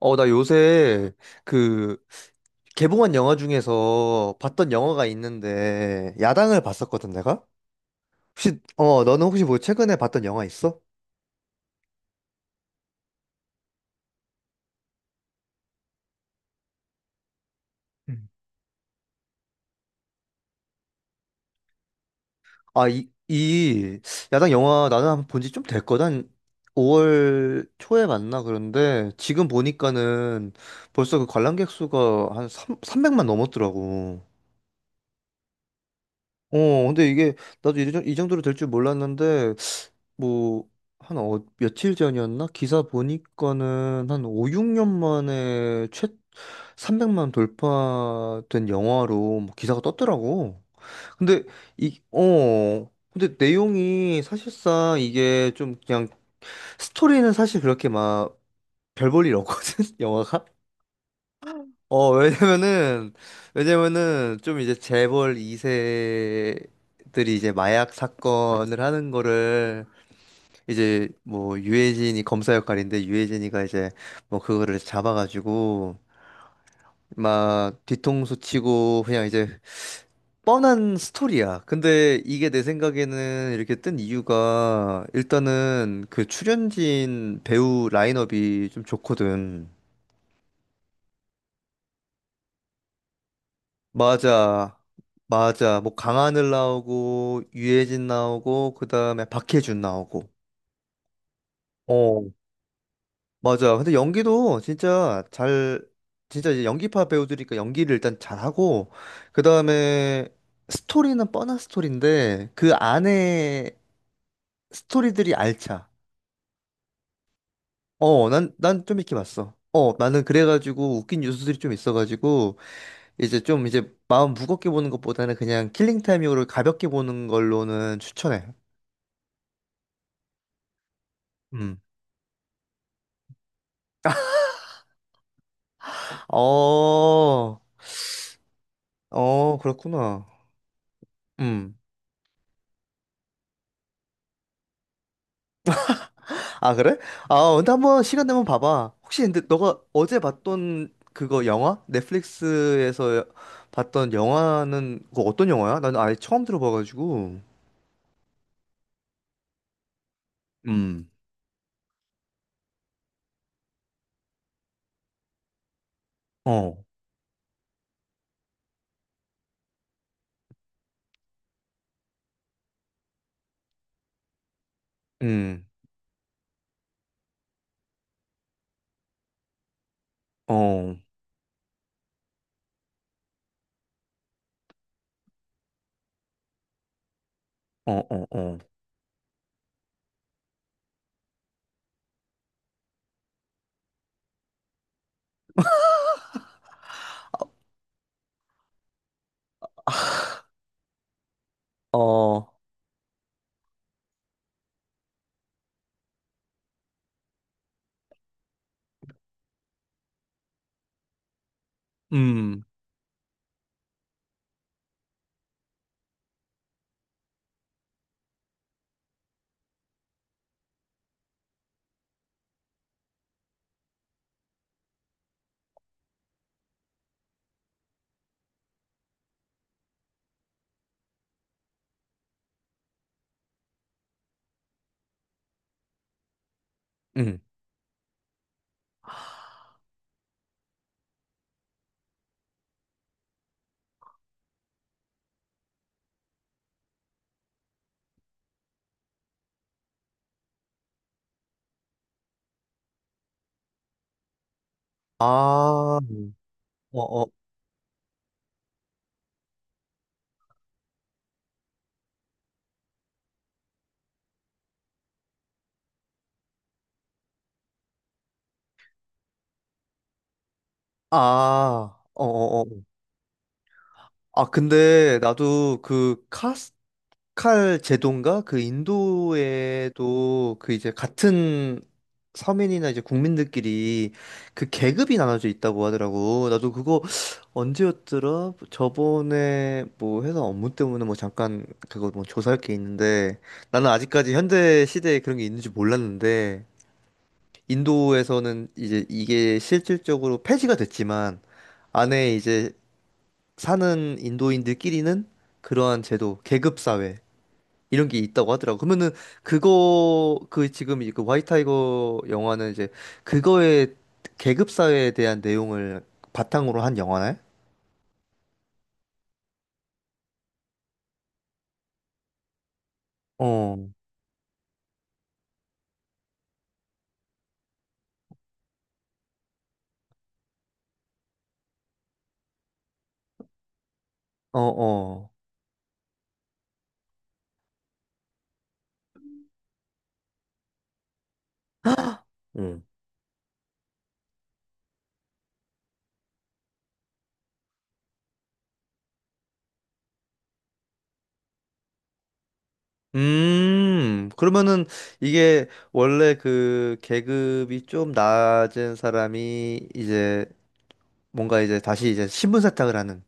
나 요새 그 개봉한 영화 중에서 봤던 영화가 있는데 야당을 봤었거든, 내가? 혹시 너는 혹시 뭐 최근에 봤던 영화 있어? 음. 아, 이 야당 영화 나는 한번 본 지 좀 됐거든. 한 5월 초에 봤나 그런데 지금 보니까는 벌써 그 관람객 수가 한삼 300만 넘었더라고. 어, 근데 이게 나도 이 정도로 될 줄 몰랐는데 뭐 한 며칠 전이었나? 기사 보니까는 한 5, 6년 만에 최 300만 돌파된 영화로 뭐 기사가 떴더라고. 근데 근데 내용이 사실상 이게 좀 그냥 스토리는 사실 그렇게 막 별볼일 없거든, 영화가. 어, 왜냐면은, 왜냐면은, 좀 이제 재벌 2세들이 이제 마약 사건을 하는 거를, 이제 뭐, 유해진이 검사 역할인데, 유해진이가 이제 뭐, 그거를 잡아가지고, 막, 뒤통수 치고, 그냥 이제, 뻔한 스토리야. 근데 이게 내 생각에는 이렇게 뜬 이유가, 일단은 그 출연진 배우 라인업이 좀 좋거든. 맞아. 맞아. 뭐 강하늘 나오고 유해진 나오고 그다음에 박해준 나오고. 어. 맞아. 근데 연기도 진짜 이제 연기파 배우들이니까 연기를 일단 잘하고 그다음에 스토리는 뻔한 스토리인데 그 안에 스토리들이 알차. 어, 난 좀 이렇게 봤어. 어, 나는 그래가지고 웃긴 뉴스들이 좀 있어가지고 이제 좀 이제 마음 무겁게 보는 것보다는 그냥 킬링타임용으로 가볍게 보는 걸로는 추천해. 음. 어, 어, 그렇구나. 음. 아, 그래? 아, 근데 한번 시간 되면 봐봐. 혹시 근데 너가 어제 봤던 그거 영화? 넷플릭스에서 봤던 영화는 그거 어떤 영화야? 나는 아예 처음 들어봐가지고. 음. 어, 음, 어, 어, 어, 어, 어, 음, 음. 아, 어, 어, 아, 어, 어, 어. 아, 근데 나도 그 카스 칼 제도인가? 그 인도에도 그 이제 같은 서민이나 이제 국민들끼리 그 계급이 나눠져 있다고 하더라고. 나도 그거 언제였더라? 저번에 뭐 회사 업무 때문에 뭐 잠깐 그거 뭐 조사할 게 있는데 나는 아직까지 현대 시대에 그런 게 있는지 몰랐는데 인도에서는 이제 이게 실질적으로 폐지가 됐지만 안에 이제 사는 인도인들끼리는 그러한 제도, 계급 사회 이런 게 있다고 하더라고. 그러면은 그거 그 지금 이그 화이 타이거 영화는 이제 그거의 계급 사회에 대한 내용을 바탕으로 한 영화네? 어, 어, 어. 응. 그러면은 이게 원래 그 계급이 좀 낮은 사람이 이제 뭔가 이제 다시 이제 신분 세탁을 하는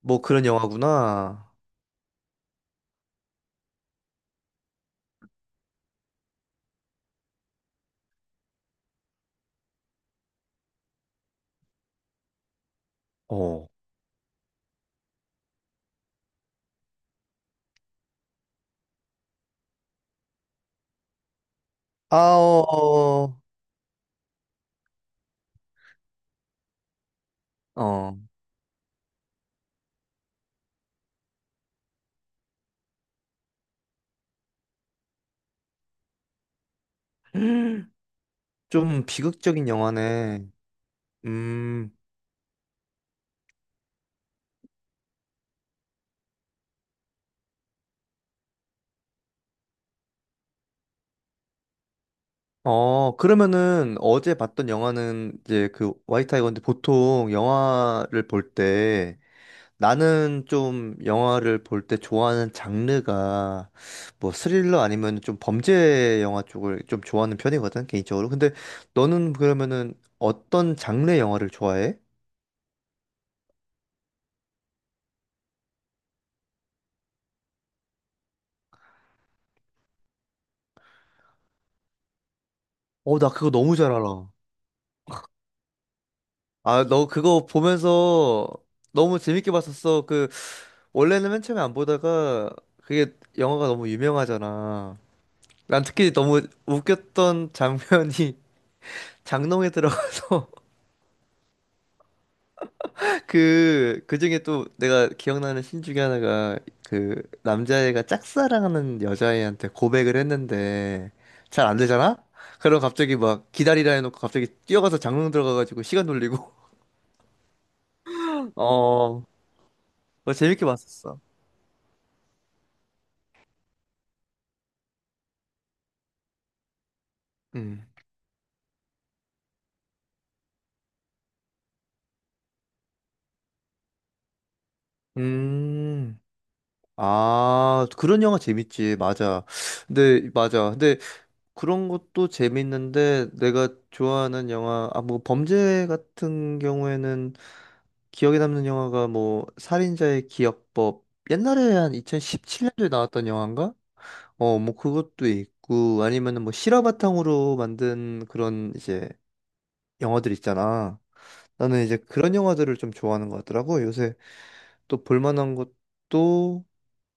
뭐 그런 영화구나. 어. 아, 어, 어. 어. 좀 비극적인 영화네. 음, 어, 그러면은 어제 봤던 영화는 이제 그 화이트 타이거인데 보통 영화를 볼 때 나는 좀 영화를 볼 때 좋아하는 장르가 뭐 스릴러 아니면 좀 범죄 영화 쪽을 좀 좋아하는 편이거든, 개인적으로. 근데 너는 그러면은 어떤 장르의 영화를 좋아해? 어, 나 그거 너무 잘 알아. 아, 너 그거 보면서 너무 재밌게 봤었어. 그 원래는 맨 처음에 안 보다가 그게 영화가 너무 유명하잖아. 난 특히 너무 웃겼던 장면이 장롱에 들어가서 그 중에 또 내가 기억나는 신 중에 하나가 그 남자애가 짝사랑하는 여자애한테 고백을 했는데 잘 안 되잖아? 그럼 갑자기 막 기다리라 해놓고 갑자기 뛰어가서 장롱 들어가가지고 시간 돌리고 어, 그거 재밌게 봤었어. 음. 음. 아, 그런 영화 재밌지. 맞아. 근데, 맞아. 근데 그런 것도 재밌는데 내가 좋아하는 영화 아 뭐 범죄 같은 경우에는 기억에 남는 영화가 뭐 살인자의 기억법 옛날에 한 2017년도에 나왔던 영화인가? 어 뭐 그것도 있고 아니면은 뭐 실화 바탕으로 만든 그런 이제 영화들 있잖아. 나는 이제 그런 영화들을 좀 좋아하는 것 같더라고. 요새 또 볼만한 것도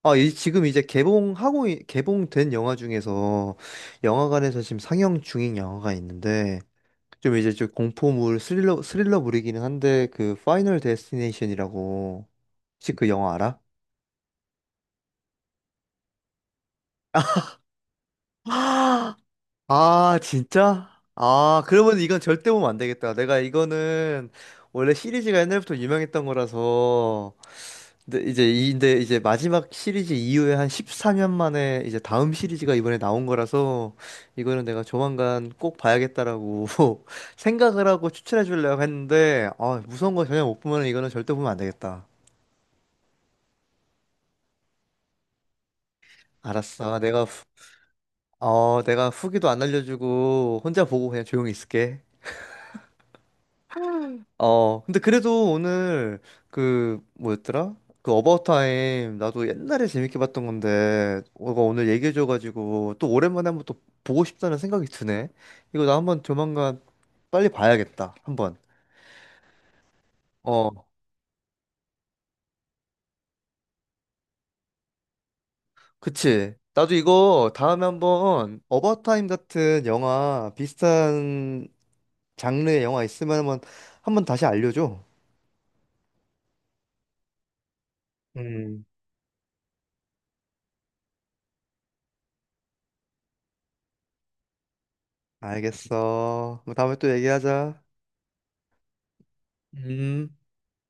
아, 지금 이제 개봉된 영화 중에서 영화관에서 지금 상영 중인 영화가 있는데, 좀 이제 좀 공포물 스릴러물이기는 한데 그 파이널 데스티네이션이라고 혹시 그 영화 알아? 아, 진짜? 아, 그러면 이건 절대 보면 안 되겠다. 내가 이거는 원래 시리즈가 옛날부터 유명했던 거라서 근데 이제 마지막 시리즈 이후에 한 14년 만에 이제 다음 시리즈가 이번에 나온 거라서 이거는 내가 조만간 꼭 봐야겠다라고 생각을 하고 추천해 주려고 했는데 아, 무서운 거 전혀 못 보면 이거는 절대 보면 안 되겠다. 알았어. 내가 후기도 안 알려주고 혼자 보고 그냥 조용히 있을게. 어, 근데 그래도 오늘 그 뭐였더라? 그 어바웃 타임 나도 옛날에 재밌게 봤던 건데 너가 오늘 얘기해줘가지고 또 오랜만에 한번 또 보고 싶다는 생각이 드네. 이거 나 한번 조만간 빨리 봐야겠다. 한번. 어, 그치. 나도 이거 다음에 한번 어바웃 타임 같은 영화 비슷한 장르의 영화 있으면 한번 한번 다시 알려줘. 음. 알겠어. 그럼 다음에 또 얘기하자. 음.